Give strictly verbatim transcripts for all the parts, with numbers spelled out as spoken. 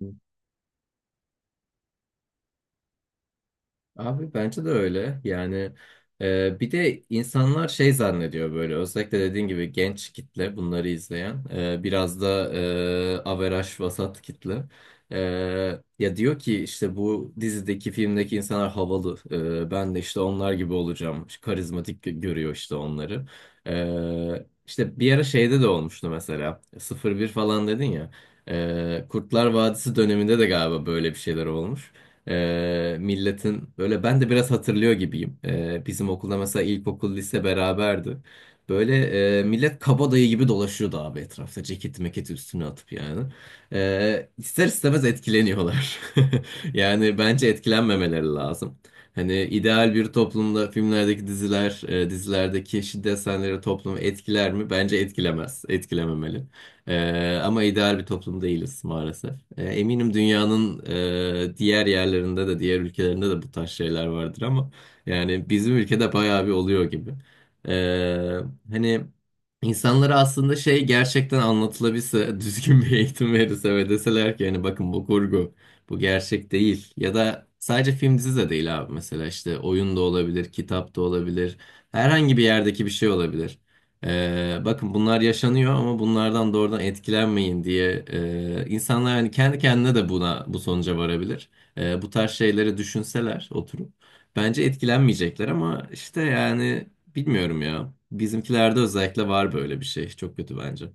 Hı. Abi bence de öyle. Yani e, bir de insanlar şey zannediyor böyle özellikle dediğin gibi genç kitle bunları izleyen e, biraz da e, averaj vasat kitle. E, Ya diyor ki işte bu dizideki filmdeki insanlar havalı. E, ben de işte onlar gibi olacağım. İşte karizmatik gö- görüyor işte onları. E, işte bir ara şeyde de olmuştu mesela sıfır bir falan dedin ya. E, Kurtlar Vadisi döneminde de galiba böyle bir şeyler olmuş. Ee, milletin böyle ben de biraz hatırlıyor gibiyim. Ee, bizim okulda mesela ilkokul lise beraberdi. Böyle e, millet kabadayı gibi dolaşıyordu abi etrafta ceketi meketi üstüne atıp yani. Ee, ister istemez etkileniyorlar. Yani bence etkilenmemeleri lazım. Hani ideal bir toplumda filmlerdeki diziler, e, dizilerdeki şiddet sahneleri toplumu etkiler mi? Bence etkilemez, etkilememeli. Ee, ama ideal bir toplum değiliz maalesef. Ee, eminim dünyanın e, diğer yerlerinde de diğer ülkelerinde de bu tarz şeyler vardır ama yani bizim ülkede bayağı bir oluyor gibi. Ee, Hani insanlara aslında şey gerçekten anlatılabilse düzgün bir eğitim verirse ve deseler ki hani bakın bu kurgu bu gerçek değil ya da sadece film dizi de değil abi mesela işte oyun da olabilir kitap da olabilir herhangi bir yerdeki bir şey olabilir. Ee, bakın bunlar yaşanıyor ama bunlardan doğrudan etkilenmeyin diye e, insanlar yani kendi kendine de buna bu sonuca varabilir. Ee, bu tarz şeyleri düşünseler oturup bence etkilenmeyecekler ama işte yani bilmiyorum ya. Bizimkilerde özellikle var böyle bir şey. Çok kötü bence.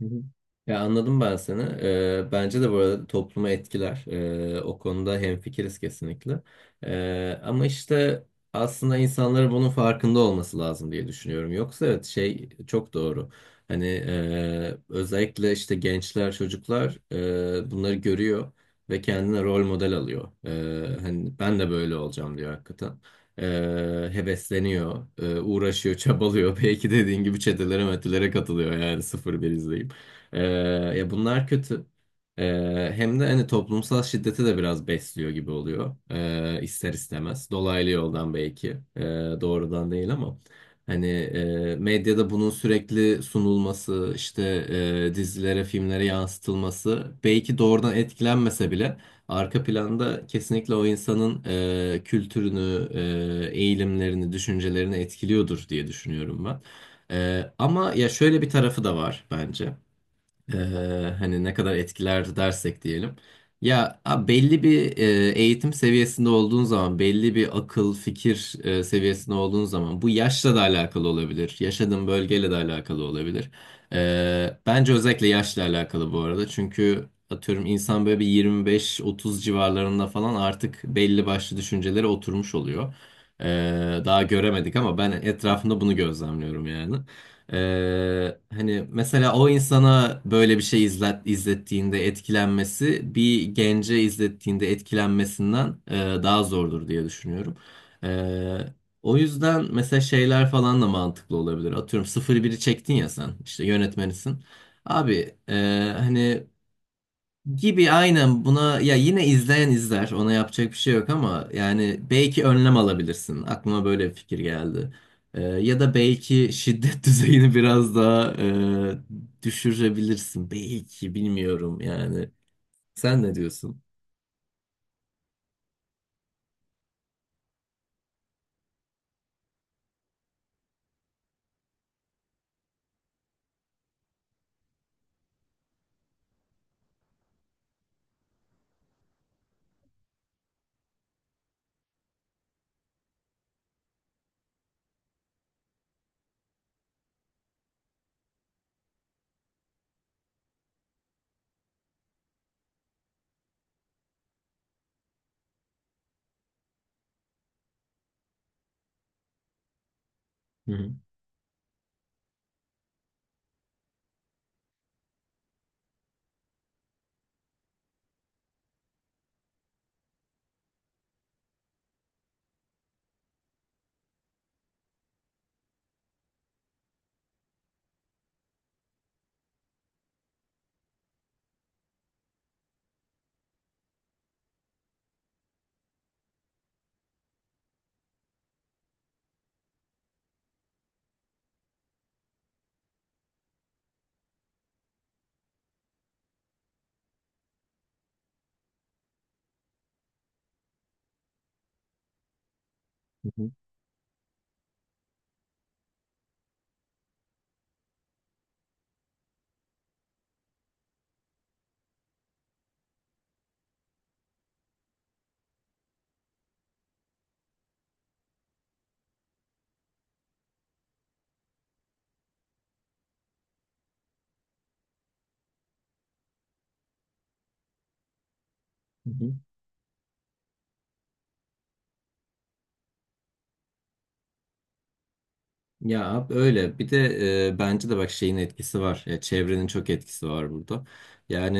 Hı hı. Ya anladım ben seni. Ee, bence de bu arada toplumu etkiler. Ee, o konuda hemfikiriz kesinlikle. Ee, ama işte aslında insanların bunun farkında olması lazım diye düşünüyorum. Yoksa evet şey çok doğru. Hani e, özellikle işte gençler, çocuklar e, bunları görüyor ve kendine rol model alıyor. Ee, hani ben de böyle olacağım diyor hakikaten. Ee, hevesleniyor, e, uğraşıyor, çabalıyor. Belki dediğin gibi çetelere metelere katılıyor yani sıfır bir izleyip. Ee, Ya bunlar kötü. Ee, hem de hani toplumsal şiddeti de biraz besliyor gibi oluyor. Ee, ister istemez. Dolaylı yoldan belki. Ee, Doğrudan değil ama. Hani e, medyada bunun sürekli sunulması, işte e, dizilere, filmlere yansıtılması belki doğrudan etkilenmese bile arka planda kesinlikle o insanın e, kültürünü, e, eğilimlerini, düşüncelerini etkiliyordur diye düşünüyorum ben. E, ama ya şöyle bir tarafı da var bence. Ee, hani ne kadar etkiler dersek diyelim. Ya a- belli bir e, eğitim seviyesinde olduğun zaman, belli bir akıl, fikir e, seviyesinde olduğun zaman bu yaşla da alakalı olabilir. Yaşadığın bölgeyle de alakalı olabilir. Ee, bence özellikle yaşla alakalı bu arada. Çünkü atıyorum insan böyle bir yirmi beş otuz civarlarında falan artık belli başlı düşüncelere oturmuş oluyor. Ee, daha göremedik ama ben etrafında bunu gözlemliyorum yani. Ee, hani mesela o insana böyle bir şey izlet, izlettiğinde etkilenmesi bir gence izlettiğinde etkilenmesinden e, daha zordur diye düşünüyorum. Ee, O yüzden mesela şeyler falan da mantıklı olabilir. Atıyorum sıfır biri çektin ya sen işte yönetmenisin. Abi e, hani gibi aynen buna ya yine izleyen izler ona yapacak bir şey yok ama yani belki önlem alabilirsin aklıma böyle bir fikir geldi. Ee, ya da belki şiddet düzeyini biraz daha e, düşürebilirsin belki bilmiyorum yani sen ne diyorsun? Hı hı. Hı hı. Ya abi öyle. Bir de e, bence de bak şeyin etkisi var. Ya, çevrenin çok etkisi var burada. Yani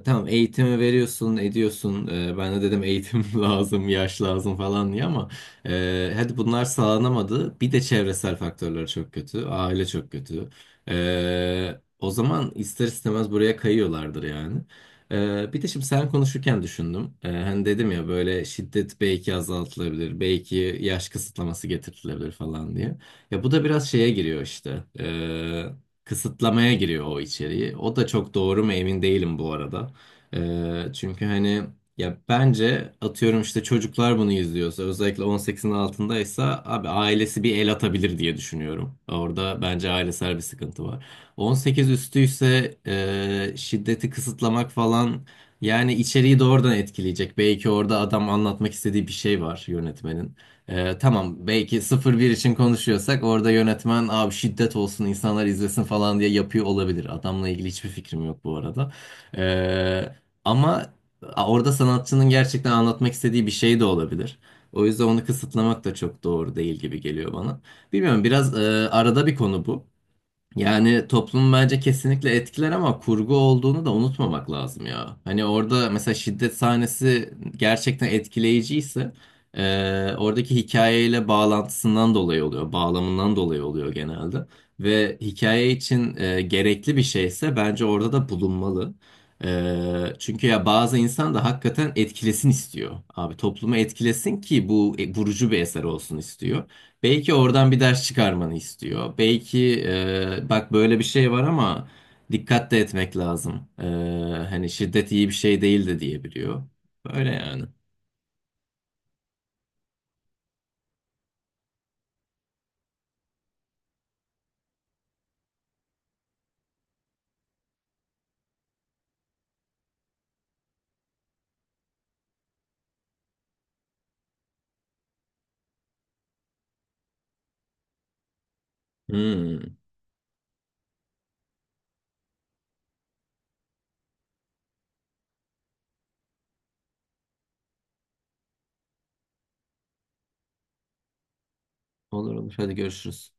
e, tamam eğitimi veriyorsun, ediyorsun. E, ben de dedim eğitim lazım, yaş lazım falan diye ama e, hadi bunlar sağlanamadı. Bir de çevresel faktörler çok kötü. Aile çok kötü. E, o zaman ister istemez buraya kayıyorlardır yani. E, bir de şimdi sen konuşurken düşündüm. E, hani dedim ya böyle şiddet belki azaltılabilir, belki yaş kısıtlaması getirilebilir falan diye. Ya bu da biraz şeye giriyor işte. Ee, kısıtlamaya giriyor o içeriği. O da çok doğru mu emin değilim bu arada. Ee, çünkü hani ya bence atıyorum işte çocuklar bunu izliyorsa özellikle on sekizin altındaysa abi ailesi bir el atabilir diye düşünüyorum. Orada bence ailesel bir sıkıntı var. on sekiz üstüyse e, şiddeti kısıtlamak falan yani içeriği doğrudan etkileyecek. Belki orada adam anlatmak istediği bir şey var yönetmenin. Ee, tamam belki sıfır bir için konuşuyorsak orada yönetmen abi şiddet olsun insanlar izlesin falan diye yapıyor olabilir. Adamla ilgili hiçbir fikrim yok bu arada. Ee, Ama orada sanatçının gerçekten anlatmak istediği bir şey de olabilir. O yüzden onu kısıtlamak da çok doğru değil gibi geliyor bana. Bilmiyorum biraz e, arada bir konu bu. Yani toplum bence kesinlikle etkiler ama kurgu olduğunu da unutmamak lazım ya. Hani orada mesela şiddet sahnesi gerçekten etkileyiciyse eee, oradaki hikayeyle bağlantısından dolayı oluyor, bağlamından dolayı oluyor genelde. Ve hikaye için eee, gerekli bir şeyse bence orada da bulunmalı. Eee, çünkü ya bazı insan da hakikaten etkilesin istiyor. Abi toplumu etkilesin ki bu e, vurucu bir eser olsun istiyor. Belki oradan bir ders çıkarmanı istiyor. Belki e, bak böyle bir şey var ama dikkat de etmek lazım. E, hani şiddet iyi bir şey değil de diyebiliyor. Böyle yani. Hmm. Olur olur, hadi görüşürüz.